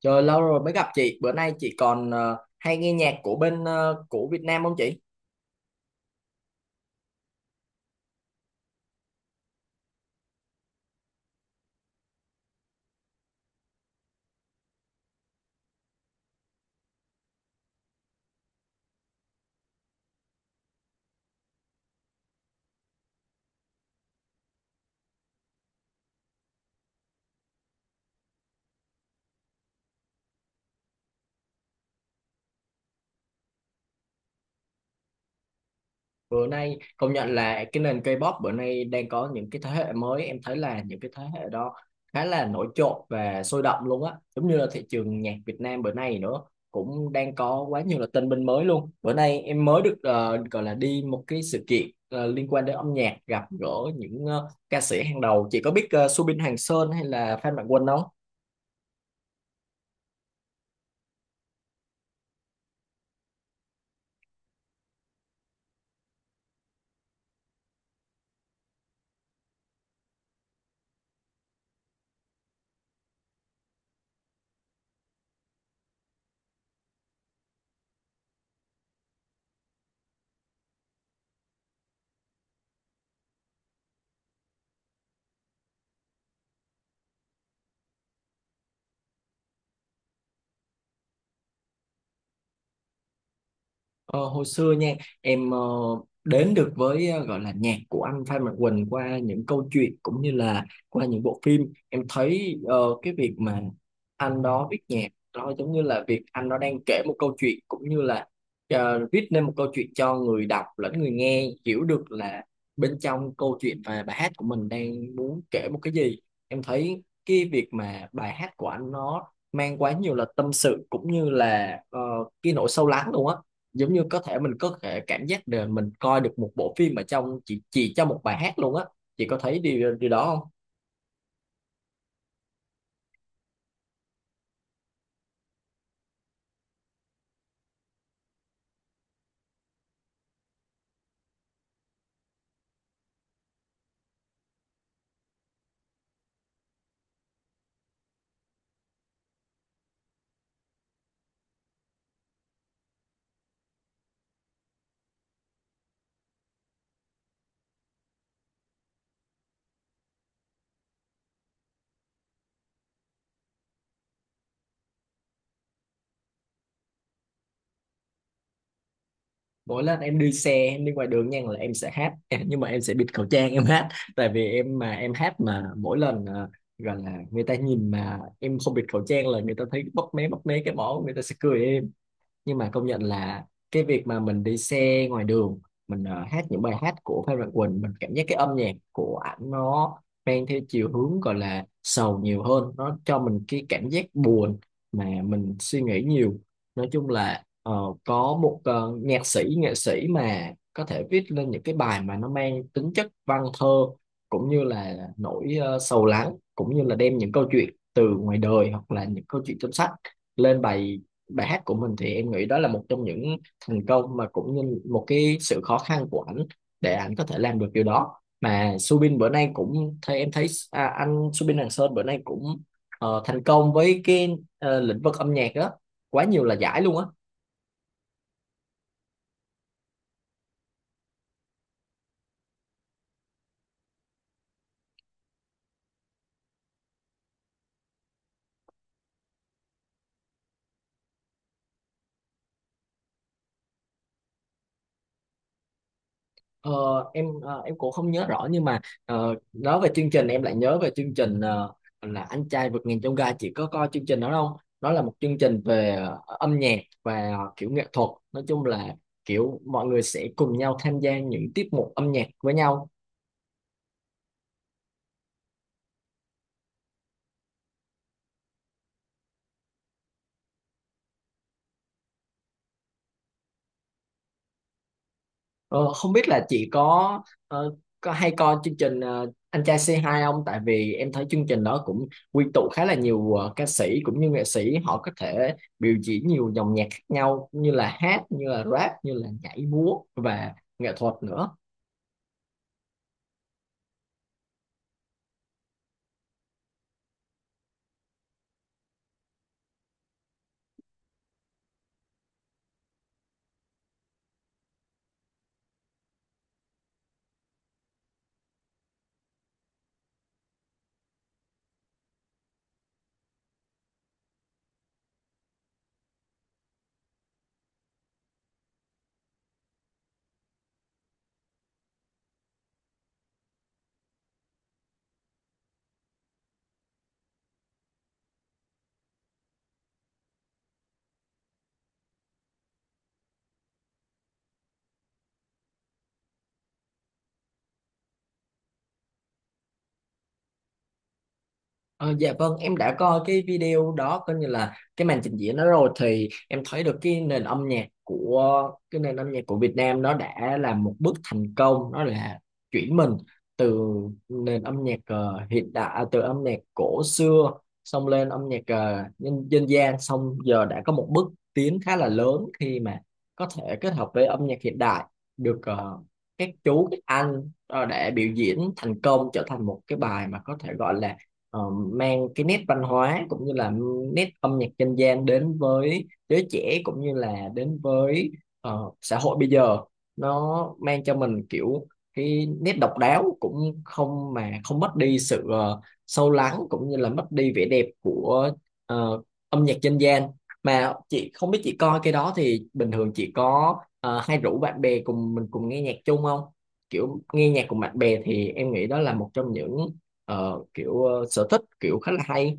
Trời lâu rồi mới gặp chị, bữa nay chị còn hay nghe nhạc của bên của Việt Nam không chị? Bữa nay công nhận là cái nền K-pop bữa nay đang có những cái thế hệ mới, em thấy là những cái thế hệ đó khá là nổi trội và sôi động luôn á, giống như là thị trường nhạc Việt Nam bữa nay nữa cũng đang có quá nhiều là tân binh mới luôn. Bữa nay em mới được gọi là đi một cái sự kiện liên quan đến âm nhạc, gặp gỡ những ca sĩ hàng đầu. Chị có biết Subin Hoàng Sơn hay là Phan Mạnh Quân không? Ờ, hồi xưa nha, em đến được với gọi là nhạc của anh Phan Mạnh Quỳnh qua những câu chuyện cũng như là qua những bộ phim. Em thấy cái việc mà anh đó viết nhạc đó giống như là việc anh đó đang kể một câu chuyện cũng như là viết nên một câu chuyện cho người đọc lẫn người nghe hiểu được là bên trong câu chuyện và bài hát của mình đang muốn kể một cái gì. Em thấy cái việc mà bài hát của anh nó mang quá nhiều là tâm sự cũng như là cái nỗi sâu lắng luôn á, giống như có thể mình có thể cảm giác được mình coi được một bộ phim ở trong chỉ trong một bài hát luôn á. Chị có thấy điều điều đó không? Mỗi lần em đi xe, em đi ngoài đường nha, là em sẽ hát nhưng mà em sẽ bịt khẩu trang em hát. Tại vì em mà em hát mà mỗi lần gọi là người ta nhìn mà em không bịt khẩu trang là người ta thấy bóp mé, bóp mé cái mỏ, người ta sẽ cười em. Nhưng mà công nhận là cái việc mà mình đi xe ngoài đường, mình hát những bài hát của Phan Mạnh Quỳnh, mình cảm giác cái âm nhạc của ảnh nó mang theo chiều hướng gọi là sầu nhiều hơn, nó cho mình cái cảm giác buồn mà mình suy nghĩ nhiều. Nói chung là có một nhạc sĩ, nghệ sĩ mà có thể viết lên những cái bài mà nó mang tính chất văn thơ cũng như là nỗi sầu lắng, cũng như là đem những câu chuyện từ ngoài đời hoặc là những câu chuyện trong sách lên bài bài hát của mình, thì em nghĩ đó là một trong những thành công mà cũng như một cái sự khó khăn của ảnh để ảnh có thể làm được điều đó. Mà Subin bữa nay cũng thấy, em thấy anh Subin Hoàng Sơn bữa nay cũng thành công với cái lĩnh vực âm nhạc đó, quá nhiều là giải luôn á. Ờ, em em cũng không nhớ rõ nhưng mà nói về chương trình em lại nhớ về chương trình là Anh trai vượt ngàn chông gai. Chị có coi chương trình đó không? Đó là một chương trình về âm nhạc và kiểu nghệ thuật, nói chung là kiểu mọi người sẽ cùng nhau tham gia những tiết mục âm nhạc với nhau. Ờ, không biết là chị có ờ, có hay coi chương trình Anh trai c hai không? Tại vì em thấy chương trình đó cũng quy tụ khá là nhiều ca sĩ cũng như nghệ sĩ, họ có thể biểu diễn nhiều dòng nhạc khác nhau, như là hát, như là rap, như là nhảy múa và nghệ thuật nữa. Ờ, dạ vâng, em đã coi cái video đó, coi như là cái màn trình diễn đó rồi, thì em thấy được cái nền âm nhạc của Việt Nam nó đã làm một bước thành công, nó là chuyển mình từ nền âm nhạc hiện đại từ âm nhạc cổ xưa xong lên âm nhạc dân gian, xong giờ đã có một bước tiến khá là lớn khi mà có thể kết hợp với âm nhạc hiện đại được. Ờ, các chú, các anh đã biểu diễn thành công, trở thành một cái bài mà có thể gọi là mang cái nét văn hóa cũng như là nét âm nhạc dân gian đến với giới trẻ cũng như là đến với xã hội bây giờ. Nó mang cho mình kiểu cái nét độc đáo cũng không mất đi sự sâu lắng cũng như là mất đi vẻ đẹp của ờ, âm nhạc dân gian. Mà chị không biết, chị coi cái đó thì bình thường chị có hay rủ bạn bè cùng mình cùng nghe nhạc chung không? Kiểu nghe nhạc cùng bạn bè thì em nghĩ đó là một trong những kiểu sở thích kiểu khá là hay.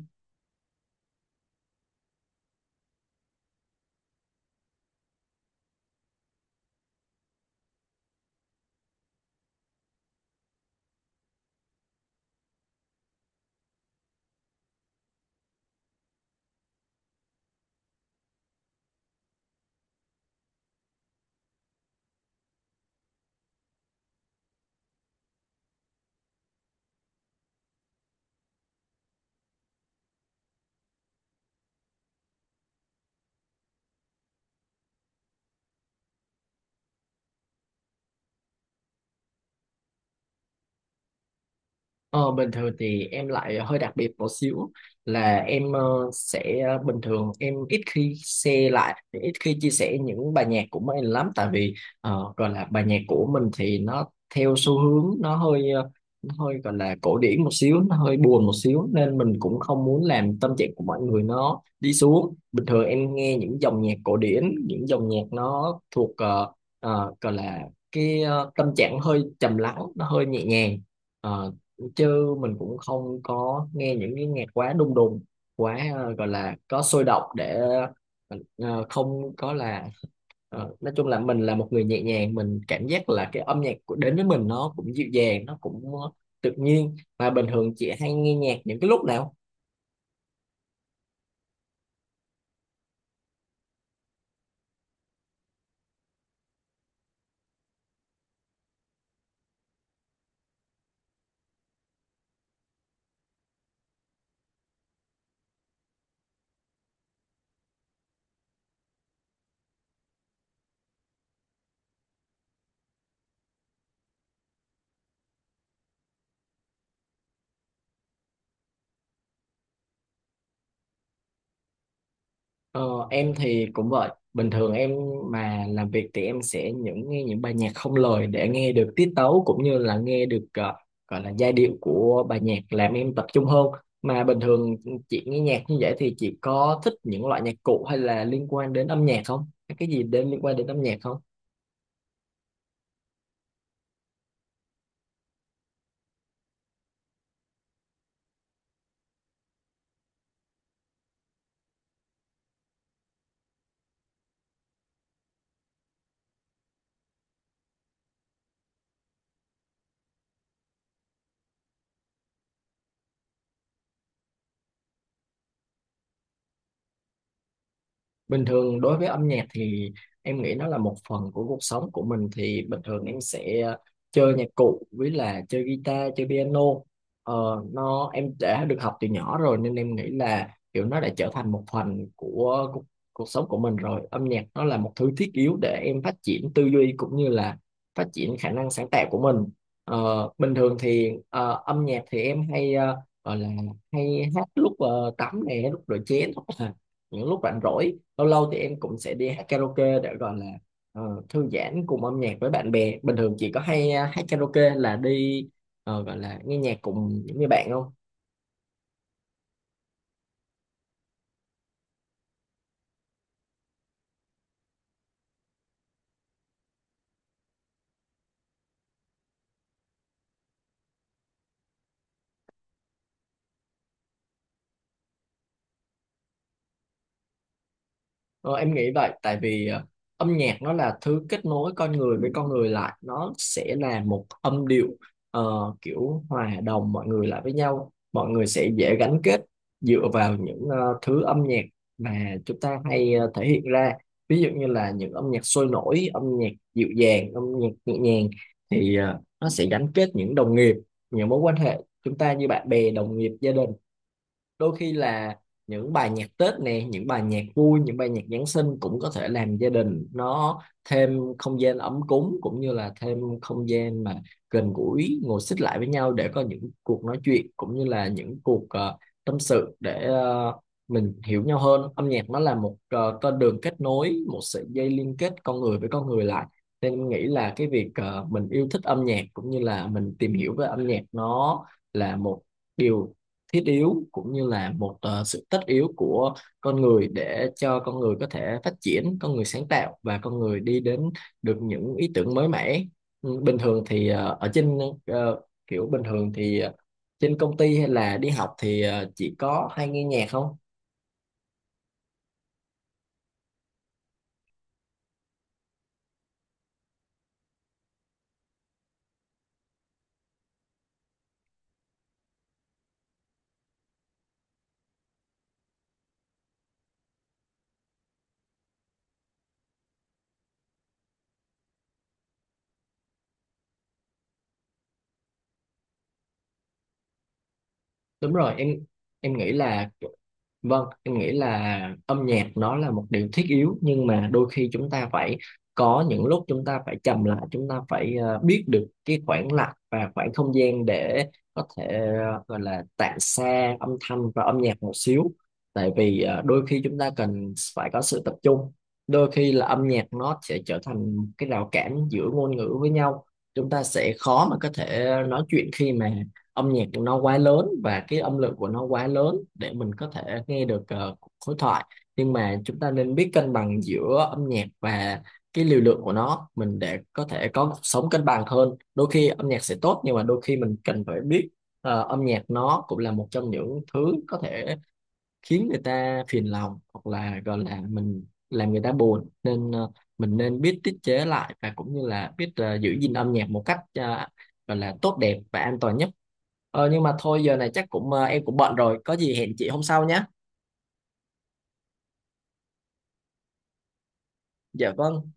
Ờ, bình thường thì em lại hơi đặc biệt một xíu, là em sẽ bình thường em ít khi share lại, ít khi chia sẻ những bài nhạc của mình lắm, tại vì gọi là bài nhạc của mình thì nó theo xu hướng, nó hơi nó hơi gọi là cổ điển một xíu, nó hơi buồn một xíu, nên mình cũng không muốn làm tâm trạng của mọi người nó đi xuống. Bình thường em nghe những dòng nhạc cổ điển, những dòng nhạc nó thuộc gọi là cái tâm trạng hơi trầm lắng, nó hơi nhẹ nhàng. Ờ, chứ mình cũng không có nghe những cái nhạc quá đùng đùng, quá gọi là có sôi động, để mình không có là nói chung là mình là một người nhẹ nhàng, mình cảm giác là cái âm nhạc của đến với mình nó cũng dịu dàng, nó cũng tự nhiên. Mà bình thường chị hay nghe nhạc những cái lúc nào? Ờ, em thì cũng vậy, bình thường em mà làm việc thì em sẽ nghe những bài nhạc không lời, để nghe được tiết tấu cũng như là nghe được gọi là giai điệu của bài nhạc, làm em tập trung hơn. Mà bình thường chị nghe nhạc như vậy thì chị có thích những loại nhạc cụ hay là liên quan đến âm nhạc không? Cái gì đến liên quan đến âm nhạc không? Bình thường đối với âm nhạc thì em nghĩ nó là một phần của cuộc sống của mình, thì bình thường em sẽ chơi nhạc cụ, với là chơi guitar, chơi piano. Ờ, nó em đã được học từ nhỏ rồi nên em nghĩ là kiểu nó đã trở thành một phần của cuộc sống của mình rồi. Âm nhạc nó là một thứ thiết yếu để em phát triển tư duy cũng như là phát triển khả năng sáng tạo của mình. Ờ, bình thường thì âm nhạc thì em hay gọi là hay hát lúc tắm nè, lúc rửa chén, những lúc rảnh rỗi. Lâu lâu thì em cũng sẽ đi hát karaoke để gọi là thư giãn cùng âm nhạc với bạn bè. Bình thường chị có hay hát karaoke là đi gọi là nghe nhạc cùng những người bạn không? Ờ, em nghĩ vậy, tại vì âm nhạc nó là thứ kết nối con người với con người lại, nó sẽ là một âm điệu ờ, kiểu hòa đồng mọi người lại với nhau, mọi người sẽ dễ gắn kết dựa vào những thứ âm nhạc mà chúng ta hay thể hiện ra. Ví dụ như là những âm nhạc sôi nổi, âm nhạc dịu dàng, âm nhạc nhẹ nhàng, thì nó sẽ gắn kết những đồng nghiệp, những mối quan hệ chúng ta như bạn bè, đồng nghiệp, gia đình. Đôi khi là những bài nhạc Tết nè, những bài nhạc vui, những bài nhạc Giáng sinh cũng có thể làm gia đình nó thêm không gian ấm cúng, cũng như là thêm không gian mà gần gũi, ngồi xích lại với nhau để có những cuộc nói chuyện cũng như là những cuộc tâm sự để mình hiểu nhau hơn. Âm nhạc nó là một con đường kết nối, một sợi dây liên kết con người với con người lại, nên em nghĩ là cái việc mình yêu thích âm nhạc cũng như là mình tìm hiểu về âm nhạc nó là một điều thiết yếu, cũng như là một sự tất yếu của con người, để cho con người có thể phát triển, con người sáng tạo và con người đi đến được những ý tưởng mới mẻ. Ừ, bình thường thì ở trên ờ, kiểu bình thường thì trên công ty hay là đi học thì chỉ có hay nghe nhạc không? Đúng rồi em. Em nghĩ là, vâng, em nghĩ là âm nhạc nó là một điều thiết yếu, nhưng mà đôi khi chúng ta phải có những lúc chúng ta phải trầm lại, chúng ta phải biết được cái khoảng lặng và khoảng không gian để có thể gọi là tản xa âm thanh và âm nhạc một xíu. Tại vì đôi khi chúng ta cần phải có sự tập trung, đôi khi là âm nhạc nó sẽ trở thành cái rào cản giữa ngôn ngữ với nhau, chúng ta sẽ khó mà có thể nói chuyện khi mà âm nhạc của nó quá lớn và cái âm lượng của nó quá lớn để mình có thể nghe được khối thoại. Nhưng mà chúng ta nên biết cân bằng giữa âm nhạc và cái liều lượng của nó mình, để có thể có cuộc sống cân bằng hơn. Đôi khi âm nhạc sẽ tốt, nhưng mà đôi khi mình cần phải biết, âm nhạc nó cũng là một trong những thứ có thể khiến người ta phiền lòng, hoặc là gọi là mình làm người ta buồn, nên mình nên biết tiết chế lại và cũng như là biết giữ gìn âm nhạc một cách gọi là tốt đẹp và an toàn nhất. Ờ, nhưng mà thôi giờ này chắc cũng em cũng bận rồi, có gì hẹn chị hôm sau nhé. Dạ vâng.